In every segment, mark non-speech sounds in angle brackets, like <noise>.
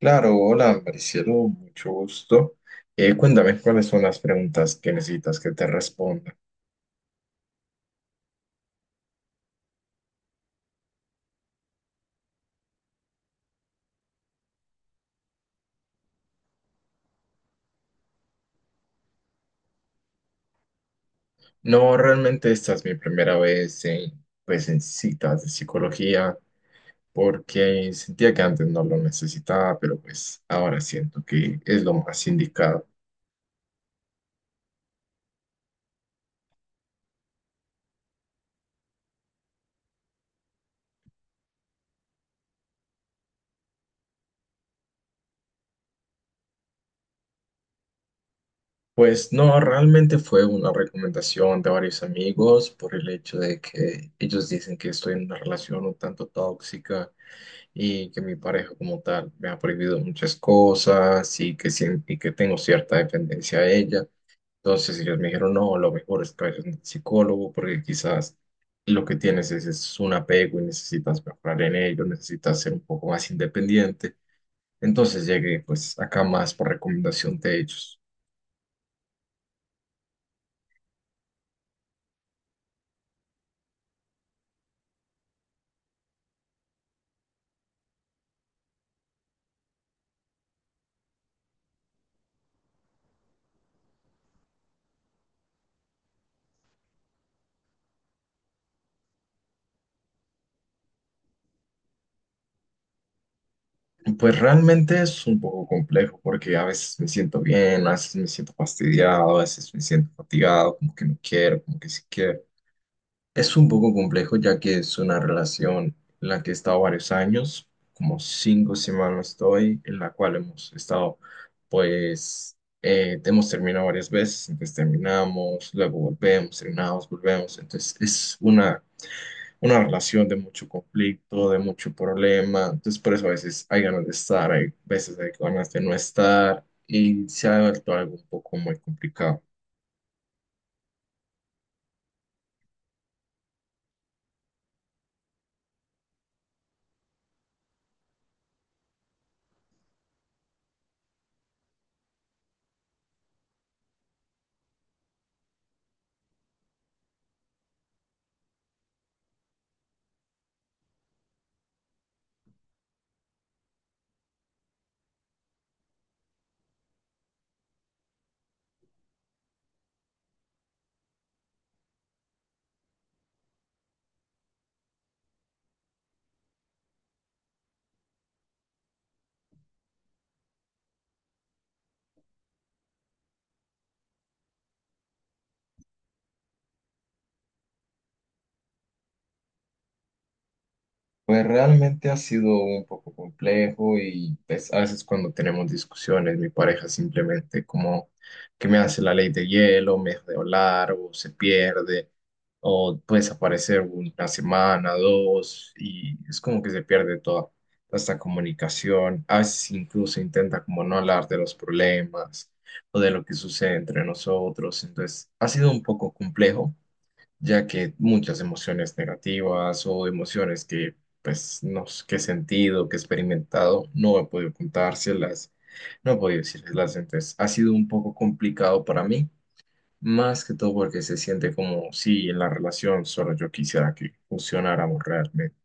Claro, hola, Maricielo, mucho gusto. Cuéntame cuáles son las preguntas que necesitas que te responda. No, realmente esta es mi primera vez en, pues, en citas de psicología, porque sentía que antes no lo necesitaba, pero pues ahora siento que es lo más indicado. Pues no, realmente fue una recomendación de varios amigos por el hecho de que ellos dicen que estoy en una relación un tanto tóxica y que mi pareja como tal me ha prohibido muchas cosas y que, y que tengo cierta dependencia a ella. Entonces ellos me dijeron, no, lo mejor es que vayas al psicólogo porque quizás lo que tienes es un apego y necesitas mejorar en ello, necesitas ser un poco más independiente. Entonces llegué pues acá más por recomendación de ellos. Pues realmente es un poco complejo porque a veces me siento bien, a veces me siento fastidiado, a veces me siento fatigado, como que no quiero, como que sí quiero. Es un poco complejo ya que es una relación en la que he estado varios años, como cinco semanas estoy, en la cual hemos estado, hemos terminado varias veces, entonces terminamos, luego volvemos, terminamos, volvemos, entonces es una relación de mucho conflicto, de mucho problema. Entonces, por eso a veces hay ganas de estar, hay veces hay ganas de no estar y se ha vuelto algo un poco muy complicado. Pues realmente ha sido un poco complejo y pues, a veces cuando tenemos discusiones, mi pareja simplemente como que me hace la ley de hielo, me deja de hablar o se pierde o puede desaparecer una semana, dos y es como que se pierde toda esta comunicación. A veces incluso intenta como no hablar de los problemas o de lo que sucede entre nosotros. Entonces ha sido un poco complejo ya que muchas emociones negativas o emociones que, pues, no s- que he sentido, que he experimentado, no he podido contárselas, no he podido decírselas, entonces ha sido un poco complicado para mí, más que todo porque se siente como si en la relación solo yo quisiera que funcionáramos realmente.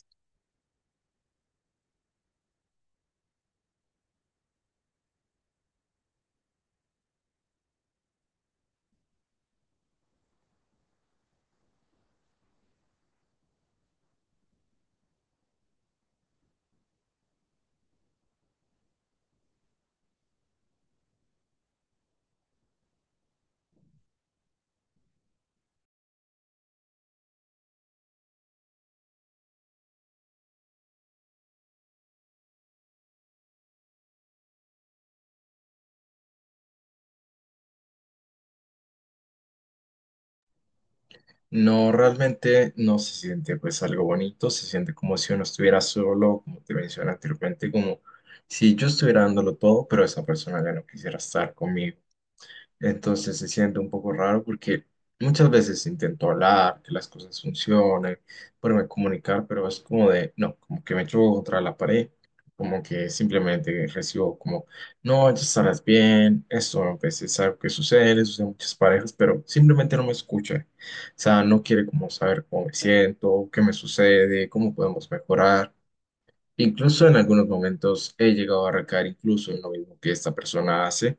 No, realmente no se siente pues algo bonito, se siente como si uno estuviera solo, como te mencioné anteriormente, como si yo estuviera dándolo todo, pero esa persona ya no quisiera estar conmigo. Entonces se siente un poco raro porque muchas veces intento hablar, que las cosas funcionen, poderme comunicar, pero es como de, no, como que me choco contra la pared, como que simplemente recibo como, no, ya estarás bien, esto a veces es algo que sucede, le sucede a muchas parejas, pero simplemente no me escucha. O sea, no quiere como saber cómo me siento, qué me sucede, cómo podemos mejorar. Incluso en algunos momentos he llegado a recaer incluso en lo mismo que esta persona hace,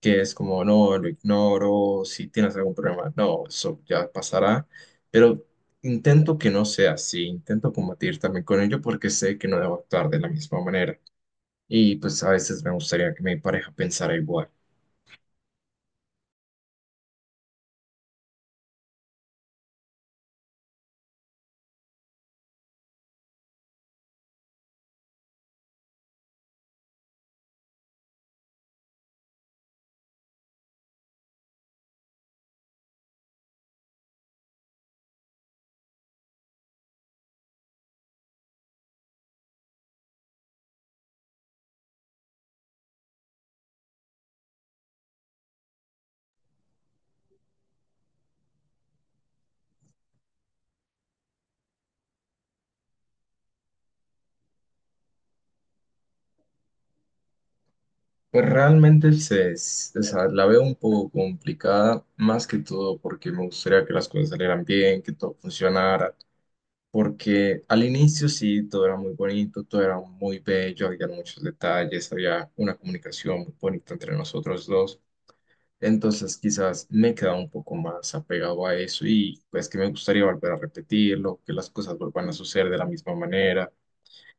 que es como, no, lo ignoro, si tienes algún problema, no, eso ya pasará, pero intento que no sea así, intento combatir también con ello porque sé que no debo actuar de la misma manera y pues a veces me gustaría que mi pareja pensara igual. Pues realmente o sea, la veo un poco complicada, más que todo porque me gustaría que las cosas salieran bien, que todo funcionara porque al inicio sí, todo era muy bonito, todo era muy bello, había muchos detalles, había una comunicación muy bonita entre nosotros dos. Entonces quizás me quedaba un poco más apegado a eso y pues que me gustaría volver a repetirlo, que las cosas vuelvan a suceder de la misma manera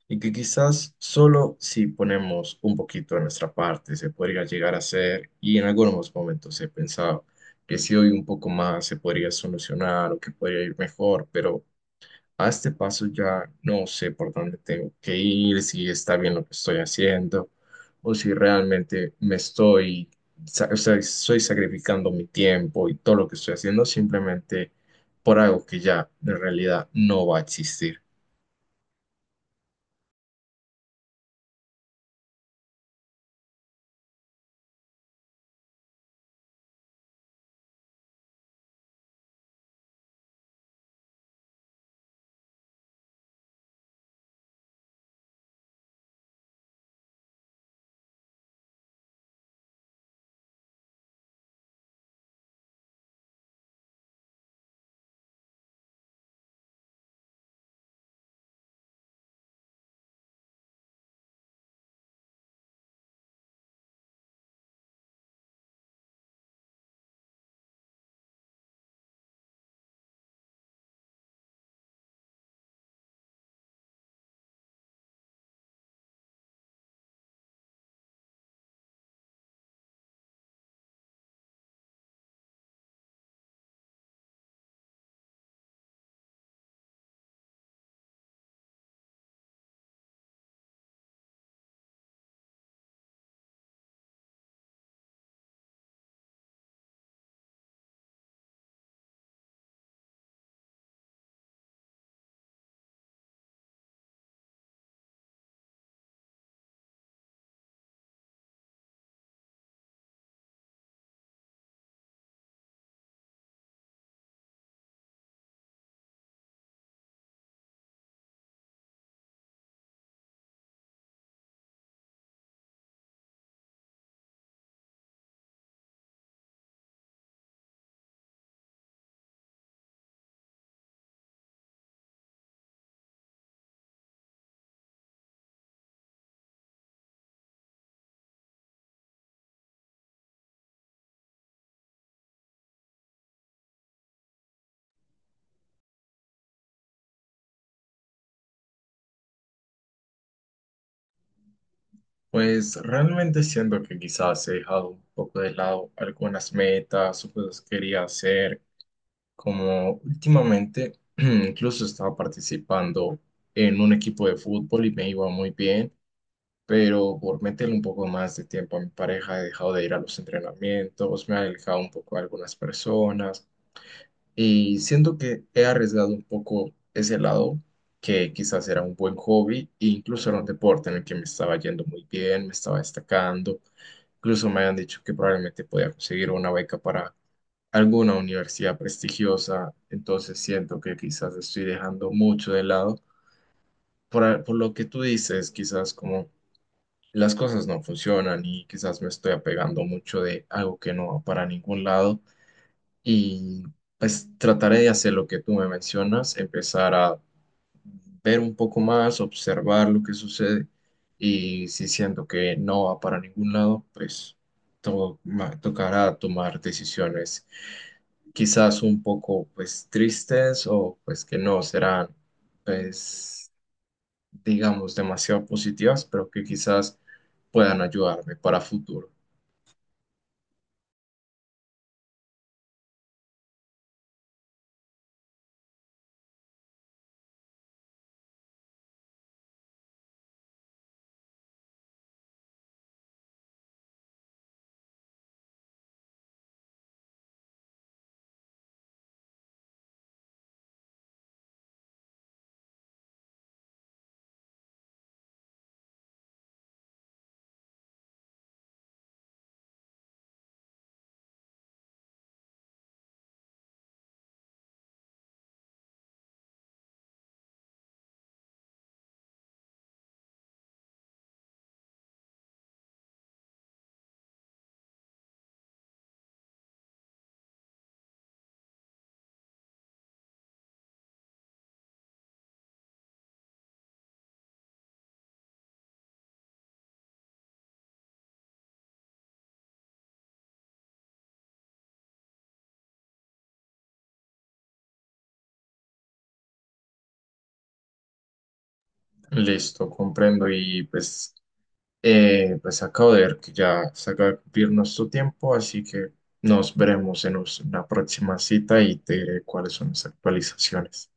y que quizás solo si ponemos un poquito de nuestra parte se podría llegar a hacer y en algunos momentos he pensado que si doy un poco más se podría solucionar o que podría ir mejor, pero a este paso ya no sé por dónde tengo que ir, si está bien lo que estoy haciendo o si realmente me o sea, estoy sacrificando mi tiempo y todo lo que estoy haciendo simplemente por algo que ya en realidad no va a existir. Pues realmente siento que quizás he dejado un poco de lado algunas metas o cosas que quería hacer, como últimamente <clears throat> incluso estaba participando en un equipo de fútbol y me iba muy bien, pero por meterle un poco más de tiempo a mi pareja he dejado de ir a los entrenamientos, me he alejado un poco de algunas personas. Y siento que he arriesgado un poco ese lado, que quizás era un buen hobby, e incluso era un deporte en el que me estaba yendo muy bien, me estaba destacando. Incluso me habían dicho que probablemente podía conseguir una beca para alguna universidad prestigiosa. Entonces siento que quizás estoy dejando mucho de lado. Por lo que tú dices, quizás como las cosas no funcionan y quizás me estoy apegando mucho de algo que no va para ningún lado. Y pues trataré de hacer lo que tú me mencionas, empezar a ver un poco más, observar lo que sucede y si siento que no va para ningún lado, pues tocará tomar decisiones quizás un poco pues tristes o pues que no serán pues digamos demasiado positivas, pero que quizás puedan ayudarme para futuro. Listo, comprendo. Y pues, pues acabo de ver que ya se acaba de cumplir nuestro tiempo, así que nos veremos en una próxima cita y te diré cuáles son las actualizaciones.